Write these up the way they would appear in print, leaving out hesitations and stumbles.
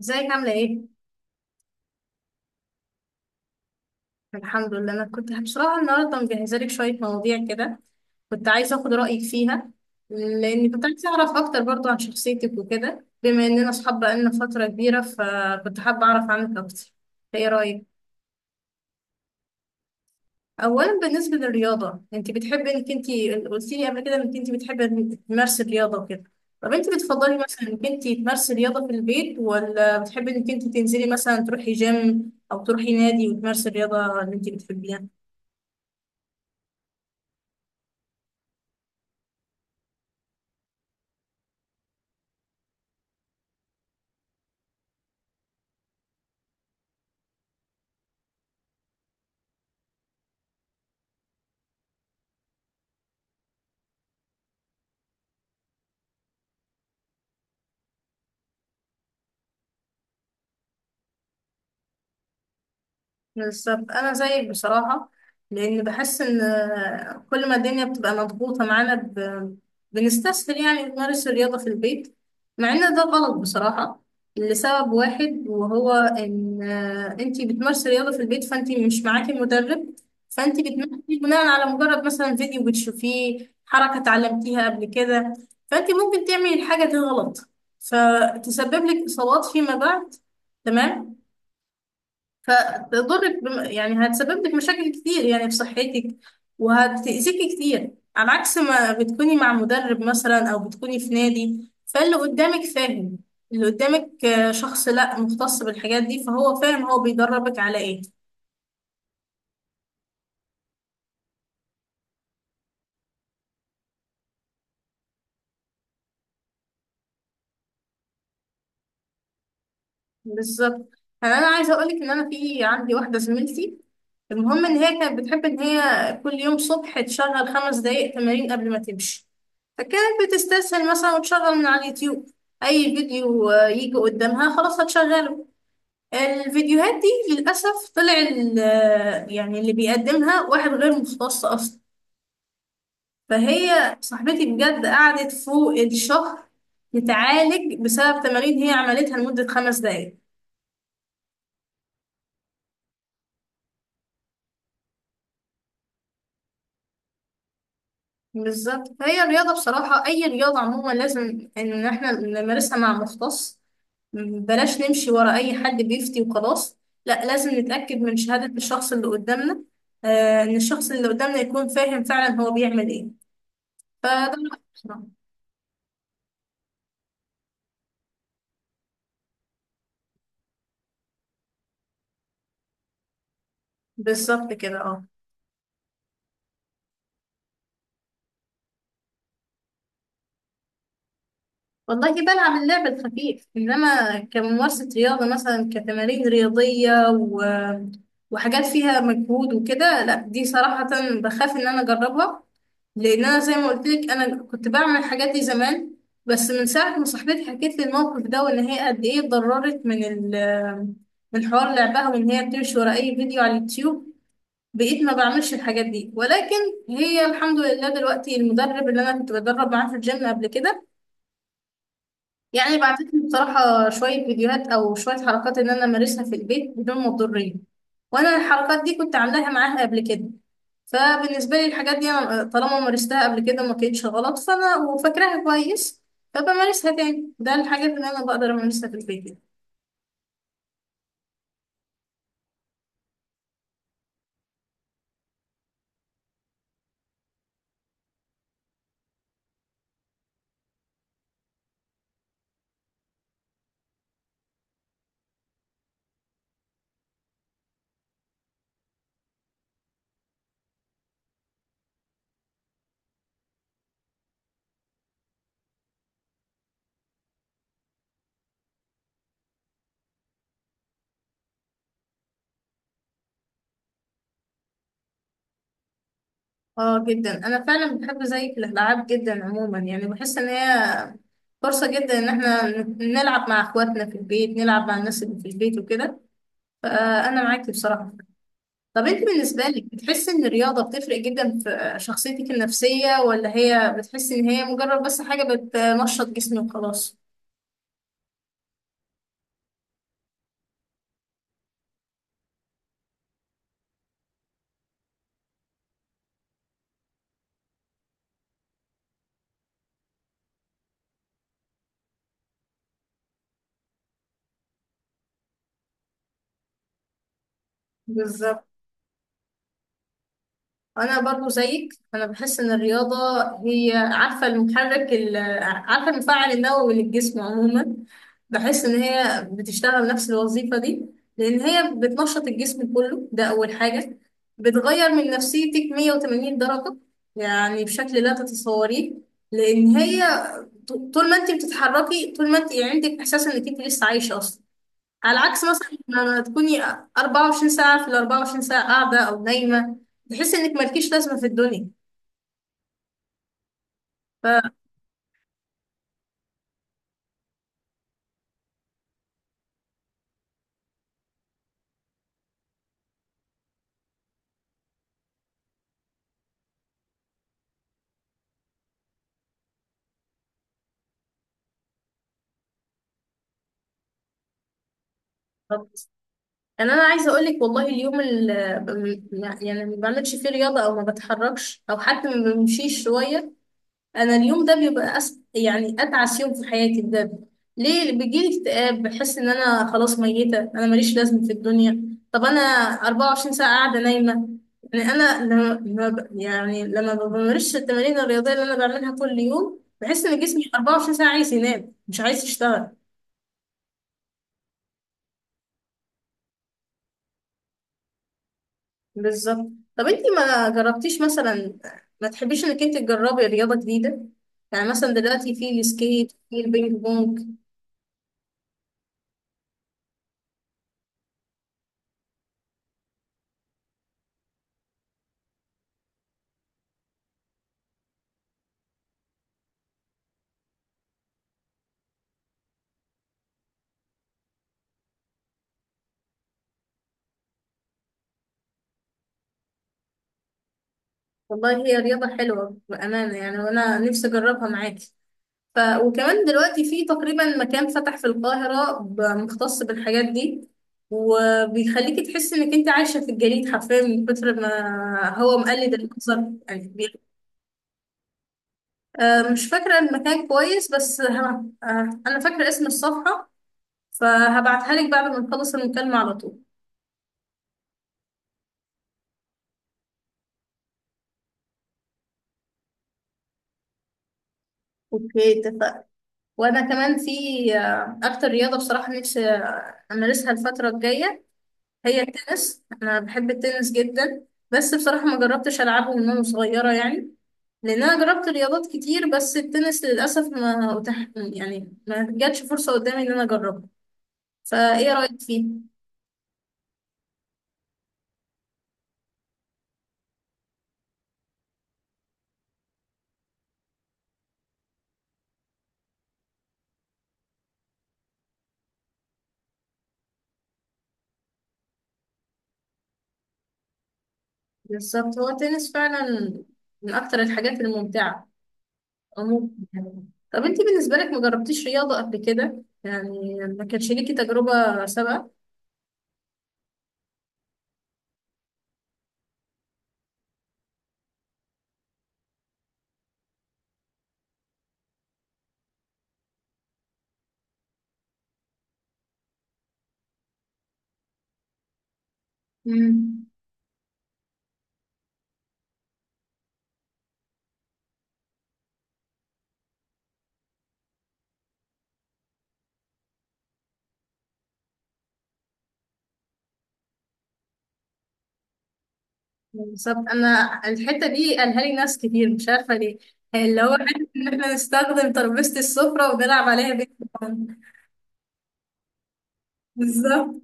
ازيك عاملة ايه؟ الحمد لله. انا كنت بصراحة النهاردة مجهزة لك شوية مواضيع كده، كنت عايزة اخد رأيك فيها، لاني كنت عايزة اعرف اكتر برضو عن شخصيتك وكده، بما اننا اصحاب بقالنا فترة كبيرة، فكنت حابة اعرف عنك اكتر. ايه رأيك؟ اولا، بالنسبة للرياضة، انت بتحبي انك انت قلتي لي قبل كده انك انت بتحبي انك تمارسي الرياضة وكده. طب انت بتفضلي مثلا انك انت تمارسي الرياضة في البيت، ولا بتحبي انك انت تنزلي مثلا تروحي جيم او تروحي نادي وتمارسي الرياضة اللي انت بتحبيها؟ بالظبط، انا زيك بصراحه. لان بحس ان كل ما الدنيا بتبقى مضغوطه معانا بنستسهل يعني نمارس الرياضه في البيت. مع ان ده غلط بصراحه، لسبب واحد وهو ان انتي بتمارسي الرياضه في البيت، فانتي مش معاكي مدرب، فانتي بتمارسي بناء على مجرد مثلا فيديو بتشوفيه، حركه اتعلمتيها قبل كده، فانتي ممكن تعملي الحاجه دي غلط، فتسبب لك اصابات فيما بعد. تمام. فتضرك يعني هتسبب لك مشاكل كتير يعني في صحتك، وهتأذيكي كتير، على عكس ما بتكوني مع مدرب مثلا أو بتكوني في نادي، فاللي قدامك فاهم. اللي قدامك شخص لا مختص بالحاجات دي، فهو فاهم هو بيدربك على ايه. بالظبط. يعني انا عايزه اقولك ان انا في عندي واحده زميلتي. المهم ان هي كانت بتحب ان هي كل يوم صبح تشغل 5 دقايق تمارين قبل ما تمشي. فكانت بتستسهل مثلا وتشغل من على اليوتيوب اي فيديو يجي قدامها، خلاص هتشغله. الفيديوهات دي للاسف طلع يعني اللي بيقدمها واحد غير مختص اصلا. فهي صاحبتي بجد قعدت فوق الشهر تتعالج بسبب تمارين هي عملتها لمدة 5 دقايق. بالظبط، هي الرياضة بصراحة أي رياضة عموما لازم إن إحنا نمارسها مع مختص. بلاش نمشي ورا أي حد بيفتي وخلاص. لا، لازم نتأكد من شهادة الشخص اللي قدامنا، إن الشخص اللي قدامنا يكون فاهم فعلا هو بيعمل إيه. فده رأيي بصراحة. بالظبط كده، اه. والله بلعب اللعب الخفيف إنما كممارسة رياضة مثلا كتمارين رياضية وحاجات فيها مجهود وكده. لا دي صراحة بخاف إن أنا أجربها. لأن أنا زي ما قلت لك أنا كنت بعمل الحاجات دي زمان. بس من ساعة ما صاحبتي حكيت لي الموقف ده، وإن هي قد إيه اتضررت من حوار لعبها، وإن هي بتمشي ورا أي فيديو على اليوتيوب، بقيت ما بعملش الحاجات دي. ولكن هي الحمد لله دلوقتي المدرب اللي أنا كنت بدرب معاه في الجيم قبل كده يعني بعتت لي بصراحة شوية فيديوهات أو شوية حركات إن أنا أمارسها في البيت بدون مضرية. وأنا الحركات دي كنت عاملاها معاها قبل كده، فبالنسبة لي الحاجات دي أنا طالما مارستها قبل كده وما كانتش غلط، فأنا وفاكراها كويس، فبمارسها تاني. ده الحاجات اللي أنا بقدر أمارسها في البيت يعني. اه جدا، أنا فعلا بحب زيك الألعاب جدا عموما، يعني بحس إن هي فرصة جدا إن احنا نلعب مع إخواتنا في البيت، نلعب مع الناس اللي في البيت وكده. فأنا معاكي بصراحة. طب انت بالنسبة لك بتحسي ان الرياضة بتفرق جدا في شخصيتك النفسية، ولا هي بتحسي ان هي مجرد بس حاجة بتنشط جسمك وخلاص؟ بالظبط. انا برضو زيك، انا بحس ان الرياضه هي، عارفه، عارفه المفاعل النووي للجسم عموما. بحس ان هي بتشتغل نفس الوظيفه دي، لان هي بتنشط الجسم كله، ده اول حاجه. بتغير من نفسيتك 180 درجه، يعني بشكل لا تتصوريه. لان هي طول ما انت بتتحركي طول ما انت يعني عندك احساس انك انت لسه عايشه اصلا، على عكس مثلا لما تكوني 24 ساعة في ال 24 ساعة قاعدة أو نايمة، تحسي إنك مالكيش لازمة في الدنيا. ف يعني أنا عايزة أقول لك والله اليوم اللي يعني ما بعملش فيه رياضة أو ما بتحركش أو حتى ما بمشيش شوية، انا اليوم ده بيبقى يعني اتعس يوم في حياتي ده. ليه؟ بيجيلي اكتئاب، بحس ان انا خلاص ميته، انا ماليش لازمه في الدنيا. طب انا 24 ساعه قاعده نايمه، يعني انا يعني لما ما بمارسش التمارين الرياضيه اللي انا بعملها كل يوم، بحس ان جسمي 24 ساعه عايز ينام مش عايز يشتغل. بالظبط. طب انتي ما جربتيش مثلا، ما تحبيش انك انت تجربي رياضه جديده، يعني مثلا دلوقتي في السكيت، في البينج بونج. والله هي رياضة حلوة بأمانة يعني، وأنا نفسي أجربها معاكي. ف... وكمان دلوقتي في تقريبا مكان فتح في القاهرة مختص بالحاجات دي، وبيخليكي تحسي إنك أنت عايشة في الجليد حرفيا من كتر ما هو مقلد المنظر يعني مش فاكرة المكان كويس، بس أنا فاكرة اسم الصفحة، فهبعتها لك بعد ما نخلص المكالمة على طول. اوكي اتفقنا. وانا كمان في اكتر رياضه بصراحه نفسي امارسها الفتره الجايه هي التنس. انا بحب التنس جدا. بس بصراحه ما جربتش العبه من وانا صغيره يعني، لان انا جربت رياضات كتير بس التنس للاسف ما أتاح، يعني ما جاتش فرصه قدامي ان انا اجربه. فايه رايك فيه؟ بالظبط، هو التنس فعلا من اكتر الحاجات الممتعه عموما يعني. طب انت بالنسبه لك ما جربتيش رياضه قبل كده يعني، ما كانش ليكي تجربه سابقه؟ مم. بالظبط، انا الحته دي قالها لي ناس كتير مش عارفه ليه، يعني اللي هو حته ان احنا نستخدم ترابيزه السفره ونلعب عليها بينج بونج. بالظبط.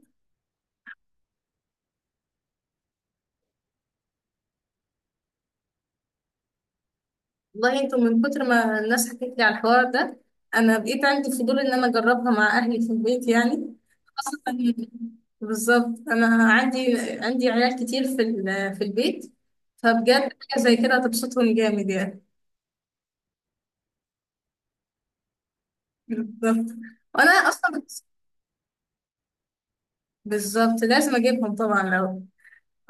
والله انتوا من كتر ما الناس حكت لي على الحوار ده انا بقيت عندي فضول ان انا اجربها مع اهلي في البيت يعني. خاصه. بالظبط، انا عندي عيال كتير في في البيت، فبجد حاجه زي كده هتبسطهم جامد يعني. بالظبط، وانا اصلا. بالظبط لازم اجيبهم طبعا لو.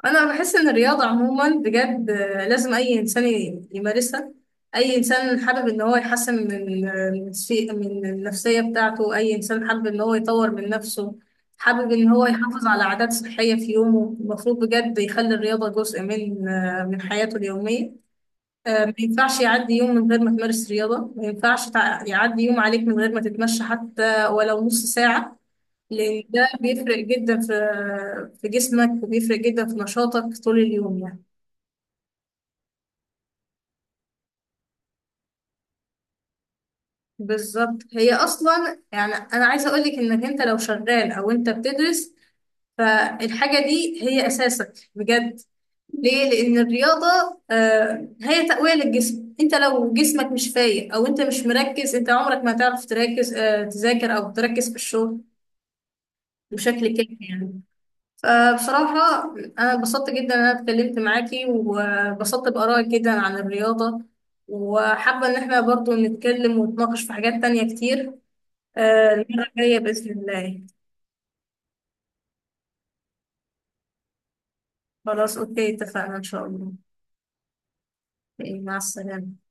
انا بحس ان الرياضه عموما بجد، لازم اي انسان يمارسها. اي انسان حابب ان هو يحسن من آه، من شيء- من النفسيه بتاعته، اي انسان حابب ان هو يطور من نفسه، حابب ان هو يحافظ على عادات صحيه في يومه المفروض بجد يخلي الرياضه جزء من حياته اليوميه. ما ينفعش يعدي يوم من غير ما تمارس رياضه، ما ينفعش يعدي يوم عليك من غير ما تتمشى حتى ولو نص ساعه، لأن ده بيفرق جدا في جسمك، وبيفرق جدا في نشاطك طول اليوم يعني. بالظبط، هي أصلا يعني أنا عايزة أقولك إنك أنت لو شغال أو أنت بتدرس، فالحاجة دي هي أساسك بجد. ليه؟ لأن الرياضة هي تقوية للجسم. أنت لو جسمك مش فايق أو أنت مش مركز، أنت عمرك ما هتعرف تركز تذاكر أو تركز في الشغل بشكل كافي يعني. فبصراحة أنا اتبسطت جدا إن أنا اتكلمت معاكي، واتبسطت بآرائك جدا عن الرياضة، وحابة إن احنا برضو نتكلم ونتناقش في حاجات تانية كتير المرة الجاية بإذن الله. خلاص أوكي اتفقنا إن شاء الله. إيه، مع السلامة.